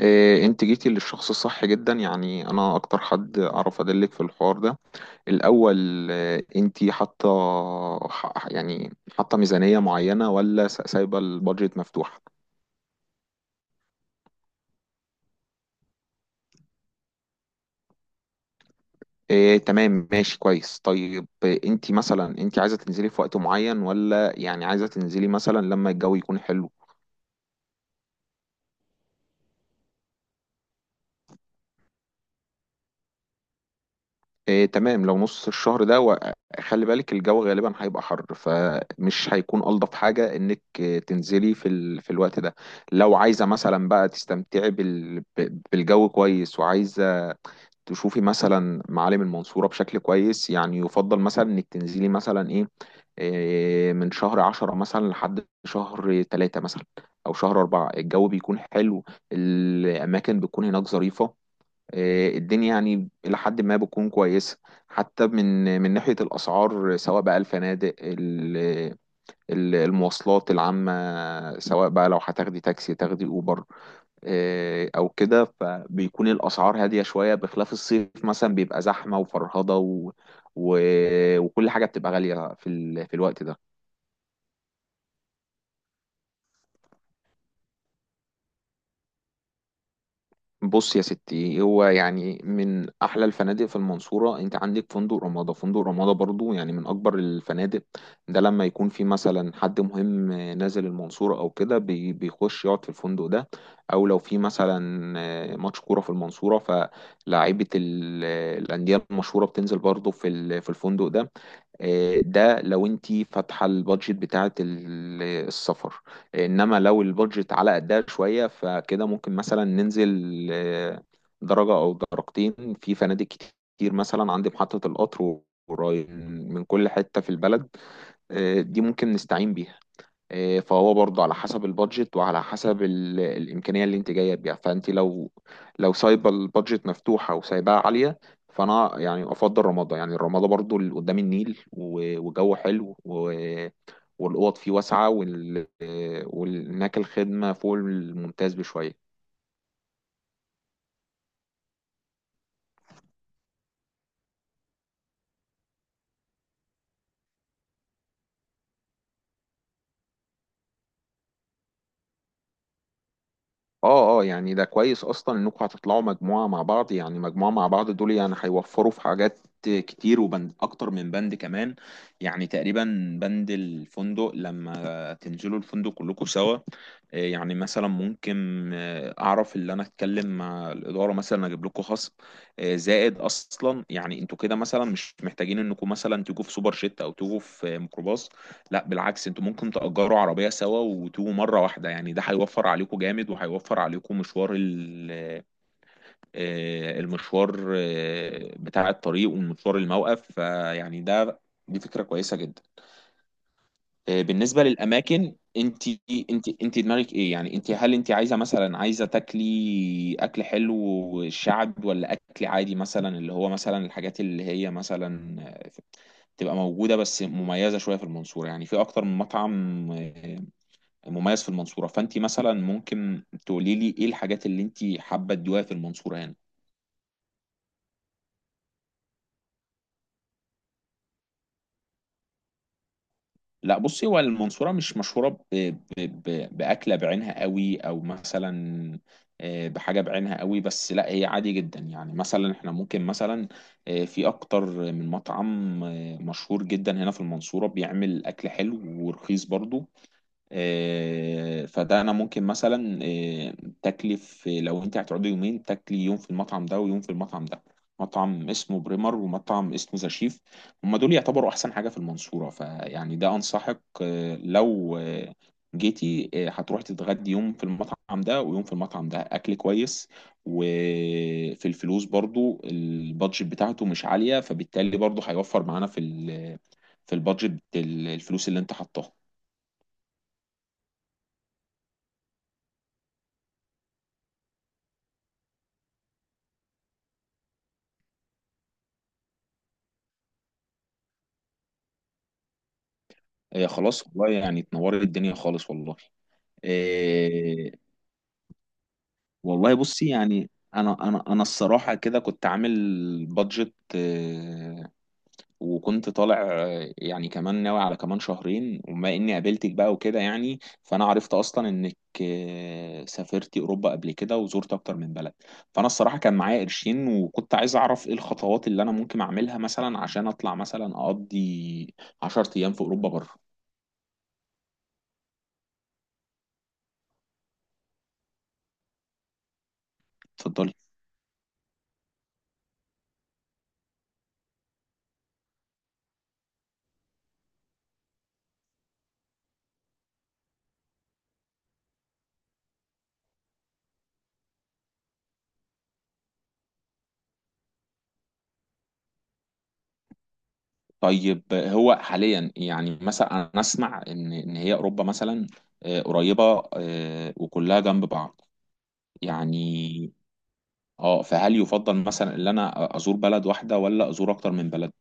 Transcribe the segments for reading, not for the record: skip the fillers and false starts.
انت جيتي للشخص الصح جدا، يعني انا اكتر حد اعرف ادلك في الحوار ده. الاول، انت حاطه يعني حاطه ميزانيه معينه، ولا سايبه البادجت مفتوح؟ إيه، تمام ماشي كويس. طيب، انت مثلا انت عايزه تنزلي في وقت معين، ولا يعني عايزه تنزلي مثلا لما الجو يكون حلو؟ إيه، تمام. لو نص الشهر ده، وخلي بالك الجو غالبا هيبقى حر، فمش هيكون ألطف حاجة إنك تنزلي في الوقت ده. لو عايزة مثلا بقى تستمتعي بالجو كويس، وعايزة تشوفي مثلا معالم المنصورة بشكل كويس، يعني يفضل مثلا إنك تنزلي مثلا إيه، من شهر 10 مثلا لحد شهر 3 مثلا، أو شهر 4. الجو بيكون حلو. الأماكن بتكون هناك ظريفة. الدنيا يعني إلى حد ما بتكون كويسة. حتى من ناحية الأسعار، سواء بقى الفنادق المواصلات العامة، سواء بقى لو هتاخدي تاكسي، تاخدي أوبر. أو كده، فبيكون الأسعار هادية شوية، بخلاف الصيف مثلا بيبقى زحمة وفرهضة و... وكل حاجة بتبقى غالية في الوقت ده. بص يا ستي، هو يعني من احلى الفنادق في المنصوره، انت عندك فندق رمادة. فندق رمادة برضو يعني من اكبر الفنادق. ده لما يكون في مثلا حد مهم نازل المنصوره او كده، بيخش يقعد في الفندق ده. او لو في مثلا ماتش كوره في المنصوره، فلاعيبه الانديه المشهوره بتنزل برضو في الفندق ده. ده لو انت فاتحه البادجت بتاعه السفر. انما لو البادجت على قدها شويه، فكده ممكن مثلا ننزل درجه او درجتين في فنادق كتير مثلا عند محطه القطر. وراي من كل حته في البلد. دي ممكن نستعين بيها. إيه، فهو برضه على حسب البادجت وعلى حسب الإمكانية اللي انت جاية بيها، فانت لو سايبة البادجت مفتوحة وسايباها عالية، فانا يعني افضل رمضة، يعني الرمضة برضه اللي قدام النيل وجو حلو والأوض فيه واسعة وهناك الخدمة فوق الممتاز بشوية. اه، اه، يعني ده كويس اصلا انكم هتطلعوا مجموعه مع بعض. يعني مجموعه مع بعض دول يعني هيوفروا في حاجات كتير، وبند اكتر من بند كمان. يعني تقريبا، بند الفندق لما تنزلوا الفندق كلكم سوا. يعني مثلا ممكن اعرف اللي انا اتكلم مع الاداره مثلا اجيب لكم خصم. زائد اصلا، يعني انتوا كده مثلا مش محتاجين انكم مثلا تيجوا في سوبر جيت، او تيجوا في ميكروباص. لا، بالعكس، انتوا ممكن تأجروا عربية سوا وتيجوا مرة واحدة. يعني ده هيوفر عليكم جامد، وهيوفر عليكم مشوار المشوار بتاع الطريق، ومشوار الموقف. فيعني دي فكرة كويسة جدا. بالنسبة للأماكن، انت دماغك ايه؟ يعني هل انت عايزة تاكلي أكل حلو شعب، ولا أكل عادي مثلا، اللي هو مثلا الحاجات اللي هي مثلا تبقى موجودة بس مميزة شوية في المنصورة، يعني في أكتر من مطعم مميز في المنصورة. فانت مثلا ممكن تقولي لي ايه الحاجات اللي انت حابة تدوها في المنصورة هنا. لا، بصي، هو المنصورة مش مشهورة بأكلة بعينها قوي، او مثلا بحاجة بعينها قوي. بس لا، هي عادي جدا. يعني مثلا احنا ممكن مثلا في اكتر من مطعم مشهور جدا هنا في المنصورة بيعمل اكل حلو ورخيص برضو. فده انا ممكن مثلا آه، تكلف آه، لو انت هتقعدي يومين، تاكلي يوم في المطعم ده ويوم في المطعم ده. مطعم اسمه بريمر، ومطعم اسمه ذا شيف. هما دول يعتبروا احسن حاجة في المنصورة. فيعني ده، انصحك آه، لو آه، جيتي، هتروحي تتغدي يوم في المطعم ده، ويوم في المطعم ده. اكل كويس، وفي الفلوس برضو البادجت بتاعته مش عالية، فبالتالي برضو هيوفر معانا في البادجت، الفلوس اللي انت حطاها. هي خلاص، والله يعني اتنورت الدنيا خالص والله. إيه. والله بصي، يعني انا الصراحه كده كنت عامل بادجت إيه، وكنت طالع يعني كمان ناوي على كمان شهرين، وما اني قابلتك بقى وكده. يعني فانا عرفت اصلا انك سافرتي اوروبا قبل كده، وزرت اكتر من بلد. فانا الصراحه كان معايا قرشين، وكنت عايز اعرف ايه الخطوات اللي انا ممكن اعملها مثلا، عشان اطلع مثلا اقضي 10 ايام في اوروبا بره. اتفضلي. طيب هو حاليا يعني مثلا انا اسمع ان هي اوروبا مثلا قريبه، وكلها جنب بعض يعني. اه، فهل يفضل مثلا ان انا ازور بلد واحده، ولا ازور اكتر من بلد؟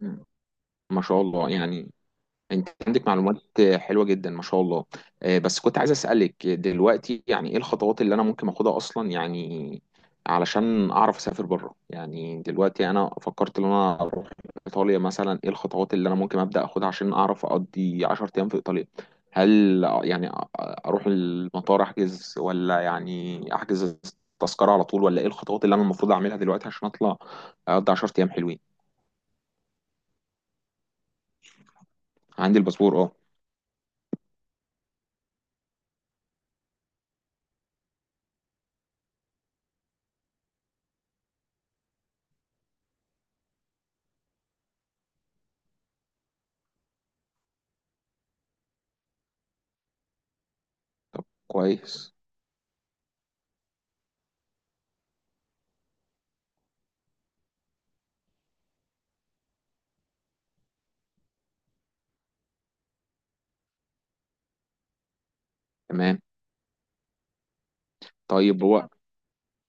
مم. ما شاء الله يعني انت عندك معلومات حلوه جدا، ما شاء الله. بس كنت عايز اسالك دلوقتي، يعني ايه الخطوات اللي انا ممكن اخدها اصلا، يعني علشان اعرف اسافر بره. يعني دلوقتي انا فكرت ان انا اروح ايطاليا مثلا. ايه الخطوات اللي انا ممكن ابدا اخدها عشان اعرف اقضي 10 ايام في ايطاليا؟ هل يعني اروح المطار احجز، ولا يعني احجز التذكره على طول، ولا ايه الخطوات اللي انا المفروض اعملها دلوقتي عشان اطلع اقضي 10 ايام حلوين؟ عندي الباسبور، اه. طب كويس، تمام. طيب، هو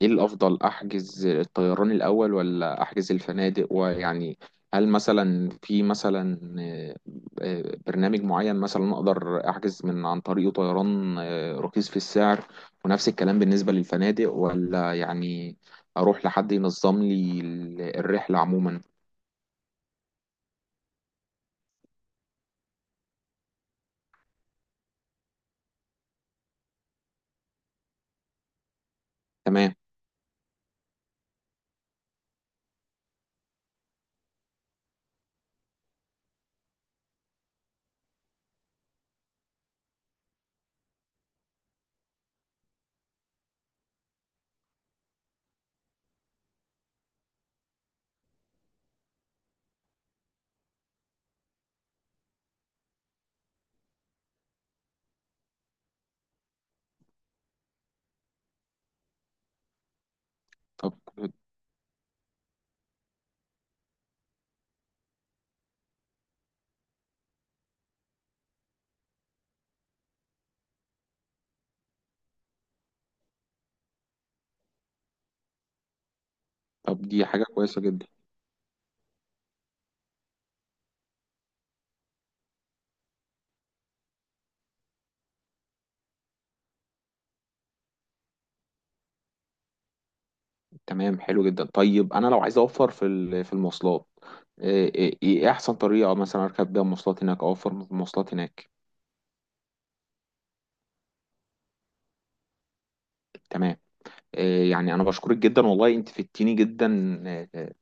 ايه الافضل، احجز الطيران الاول ولا احجز الفنادق؟ ويعني هل مثلا في مثلا برنامج معين مثلا اقدر احجز من عن طريقه طيران رخيص في السعر؟ ونفس الكلام بالنسبة للفنادق، ولا يعني اروح لحد ينظم لي الرحلة عموما؟ تمام. طب، طب، دي حاجة كويسة جدا. تمام، حلو جدا. طيب، انا لو عايز اوفر في المواصلات، إيه احسن طريقة مثلا اركب بيها مواصلات هناك، او اوفر مواصلات هناك؟ تمام. يعني انا بشكرك جدا والله، انت فدتيني جدا آه، آه،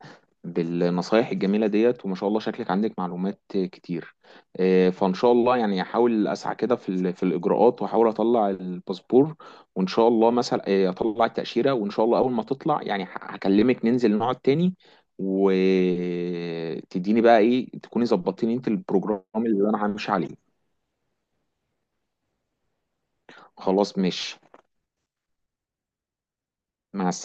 بالنصايح الجميله ديت، وما شاء الله شكلك عندك معلومات كتير. فان شاء الله يعني احاول اسعى كده في الاجراءات، واحاول اطلع الباسبور. وان شاء الله مثلا اطلع التاشيره، وان شاء الله اول ما تطلع يعني هكلمك، ننزل نقعد تاني، وتديني بقى ايه تكوني ظبطتيني انت البروجرام اللي انا همشي عليه. خلاص ماشي. مع السلامه.